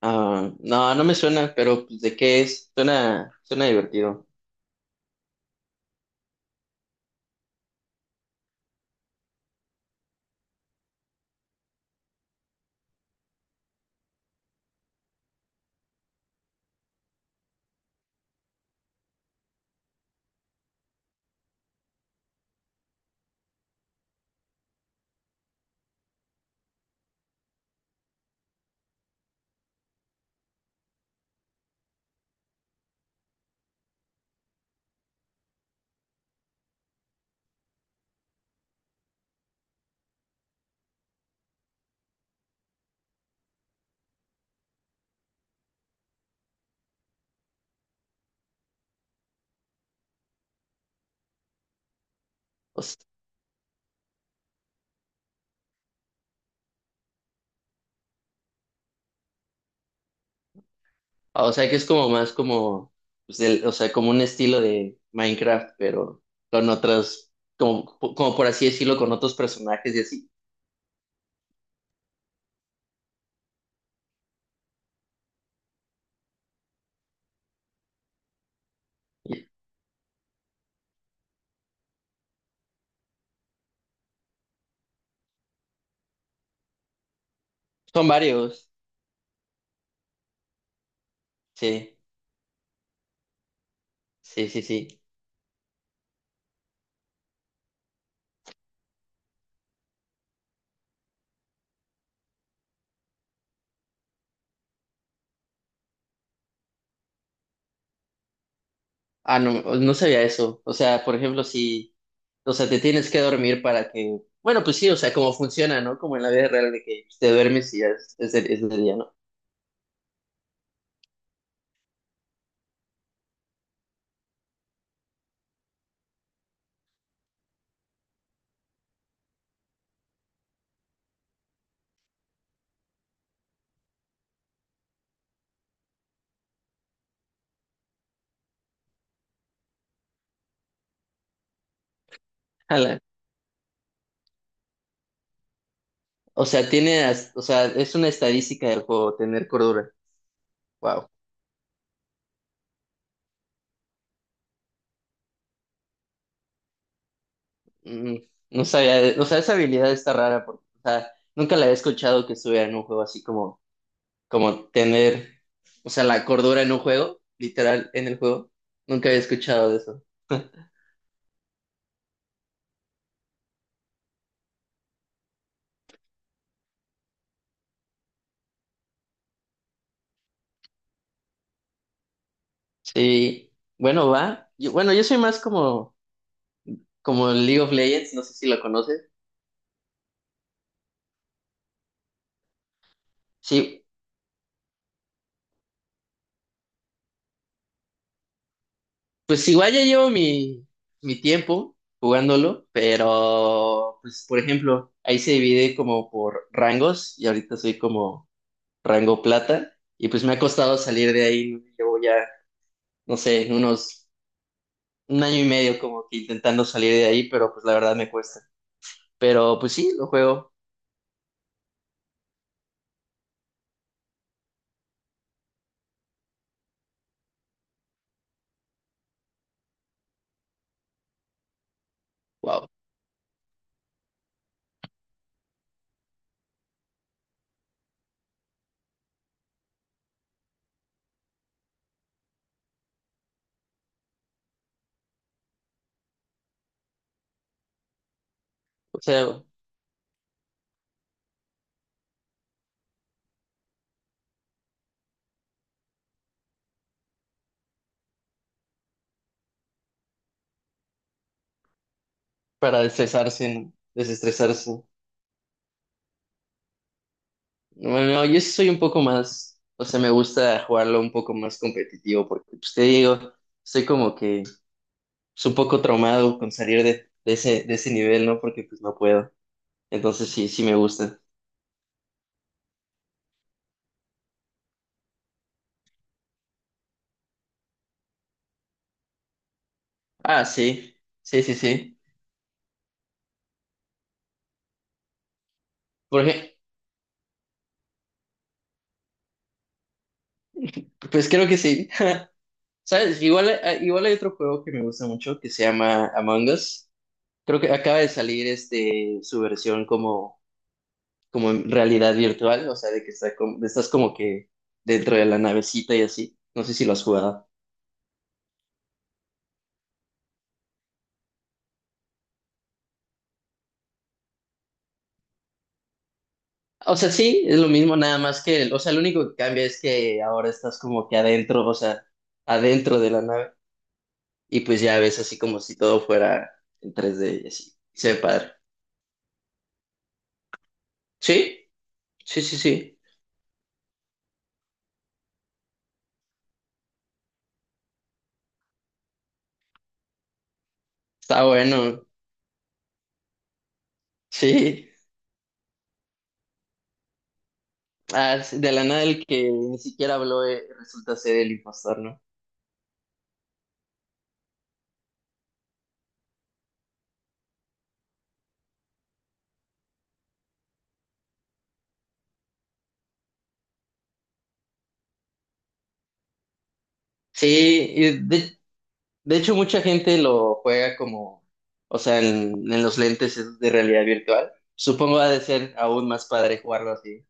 Ah, no, no me suena, pero pues, ¿de qué es? Suena divertido. O s- o sea, que es como más como, pues, o sea, como un estilo de Minecraft, pero con otras, como por así decirlo, con otros personajes y así. Son varios, sí, sí, sí, sí. Ah, no, no sabía eso. O sea, por ejemplo, si, o sea, te tienes que dormir para que, bueno, pues sí, o sea, como funciona, ¿no? Como en la vida real de que te duermes y ya es de día, ¿no? O sea, o sea, es una estadística del juego tener cordura. Wow. Mm, no sabía, o sea, esa habilidad está rara porque, o sea, nunca la había escuchado que estuviera en un juego así como, como tener, o sea, la cordura en un juego, literal, en el juego. Nunca había escuchado de eso. Sí, bueno, va. Bueno, yo soy más como, como League of Legends, no sé si lo conoces. Sí, pues igual ya llevo mi tiempo jugándolo, pero pues por ejemplo, ahí se divide como por rangos y ahorita soy como rango plata y pues me ha costado salir de ahí, llevo ya, no sé, unos un año y medio como que intentando salir de ahí, pero pues la verdad me cuesta. Pero pues sí, lo juego, wow, o sea, para desestresarse, ¿no? Desestresarse. Bueno, no, yo sí soy un poco más, o sea, me gusta jugarlo un poco más competitivo porque pues te digo. Soy como que es un poco traumado con salir de ese nivel, ¿no? Porque pues no puedo. Entonces sí, sí me gusta. Ah, sí, sí, sí, sí. Porque, pues creo que sí. ¿Sabes? Igual hay otro juego que me gusta mucho que se llama Among Us. Creo que acaba de salir este, su versión como, como en realidad virtual, o sea, de que está como, estás como que dentro de la navecita y así. No sé si lo has jugado. O sea, sí, es lo mismo, nada más que, o sea, lo único que cambia es que ahora estás como que adentro, o sea, adentro de la nave, y pues ya ves así como si todo fuera en 3D y así. Se ve padre. Sí, sí, sí, sí. Está bueno. Sí. Ah, sí, de la nada el que ni siquiera habló, resulta ser el impostor, ¿no? Sí, y de hecho mucha gente lo juega como, o sea, en los lentes esos de realidad virtual. Supongo ha de ser aún más padre jugarlo así.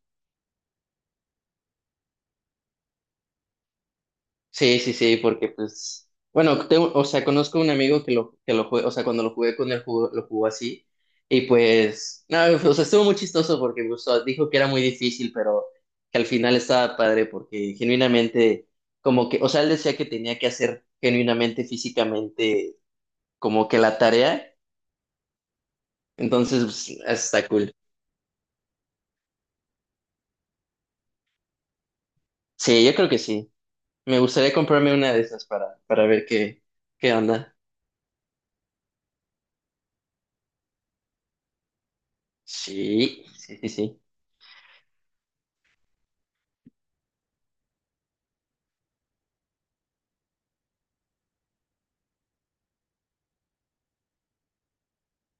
Sí, sí, sí, porque pues, bueno, tengo, o sea, conozco un amigo que que lo jugué, o sea, cuando lo jugué con él lo jugó así, y pues, no, o sea, estuvo muy chistoso porque pues, o sea, dijo que era muy difícil, pero que al final estaba padre porque genuinamente, como que, o sea, él decía que tenía que hacer genuinamente, físicamente, como que la tarea, entonces, pues, está cool. Sí, yo creo que sí. Me gustaría comprarme una de esas para ver qué, qué onda. Sí, sí, sí, sí.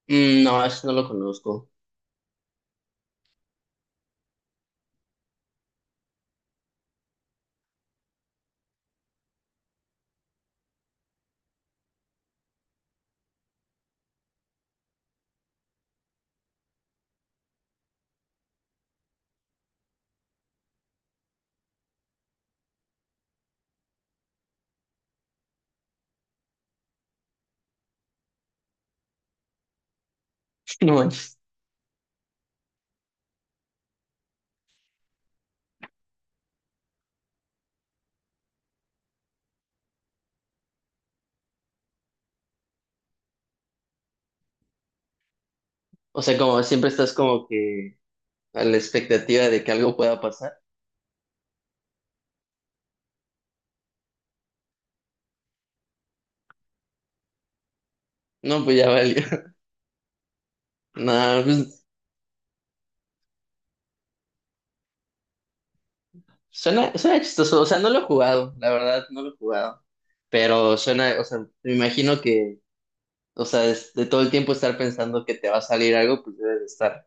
No, eso no lo conozco. No manches. O sea, como siempre estás como que a la expectativa de que algo pueda pasar. No, pues ya valió. No, pues suena, suena chistoso. O sea, no lo he jugado, la verdad, no lo he jugado. Pero suena, o sea, me imagino que, o sea, de todo el tiempo estar pensando que te va a salir algo, pues debes de estar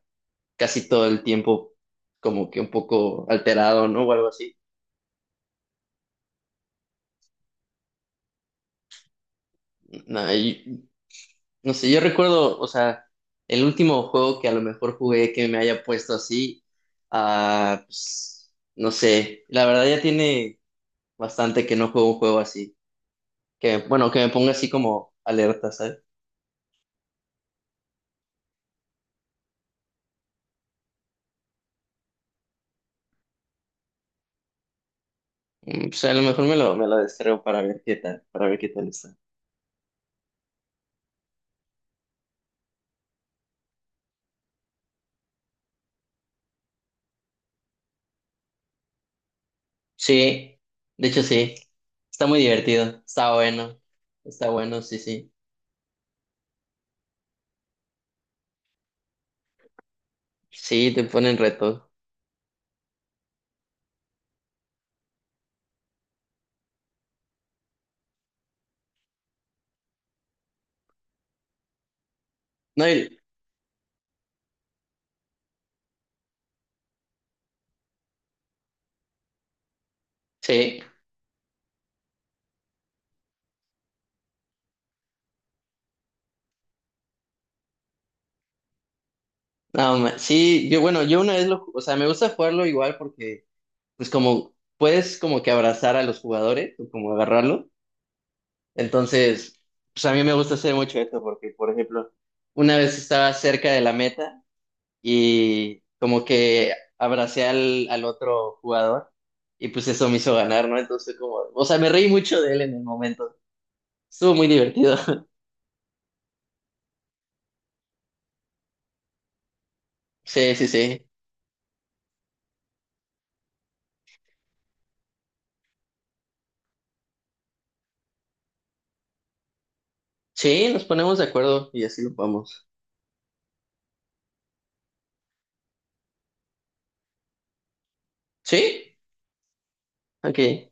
casi todo el tiempo como que un poco alterado, ¿no? O algo así. No, no sé, yo recuerdo, o sea, el último juego que a lo mejor jugué que me haya puesto así, ah, pues, no sé, la verdad ya tiene bastante que no juego un juego así, que bueno, que me ponga así como alerta, ¿sabes? Pues a lo mejor me lo descargo para ver qué tal, está. Sí, de hecho sí, está muy divertido, está bueno, sí, sí, sí, te ponen retos. No, sí. No, sí, yo bueno, yo una vez o sea, me gusta jugarlo igual porque pues como puedes como que abrazar a los jugadores o como agarrarlo. Entonces, pues a mí me gusta hacer mucho esto porque, por ejemplo, una vez estaba cerca de la meta y como que abracé al otro jugador y pues eso me hizo ganar, ¿no? Entonces como, o sea, me reí mucho de él en el momento. Estuvo muy divertido. Sí, sí, sí. Sí, nos ponemos de acuerdo y así lo vamos. ¿Sí? Ok.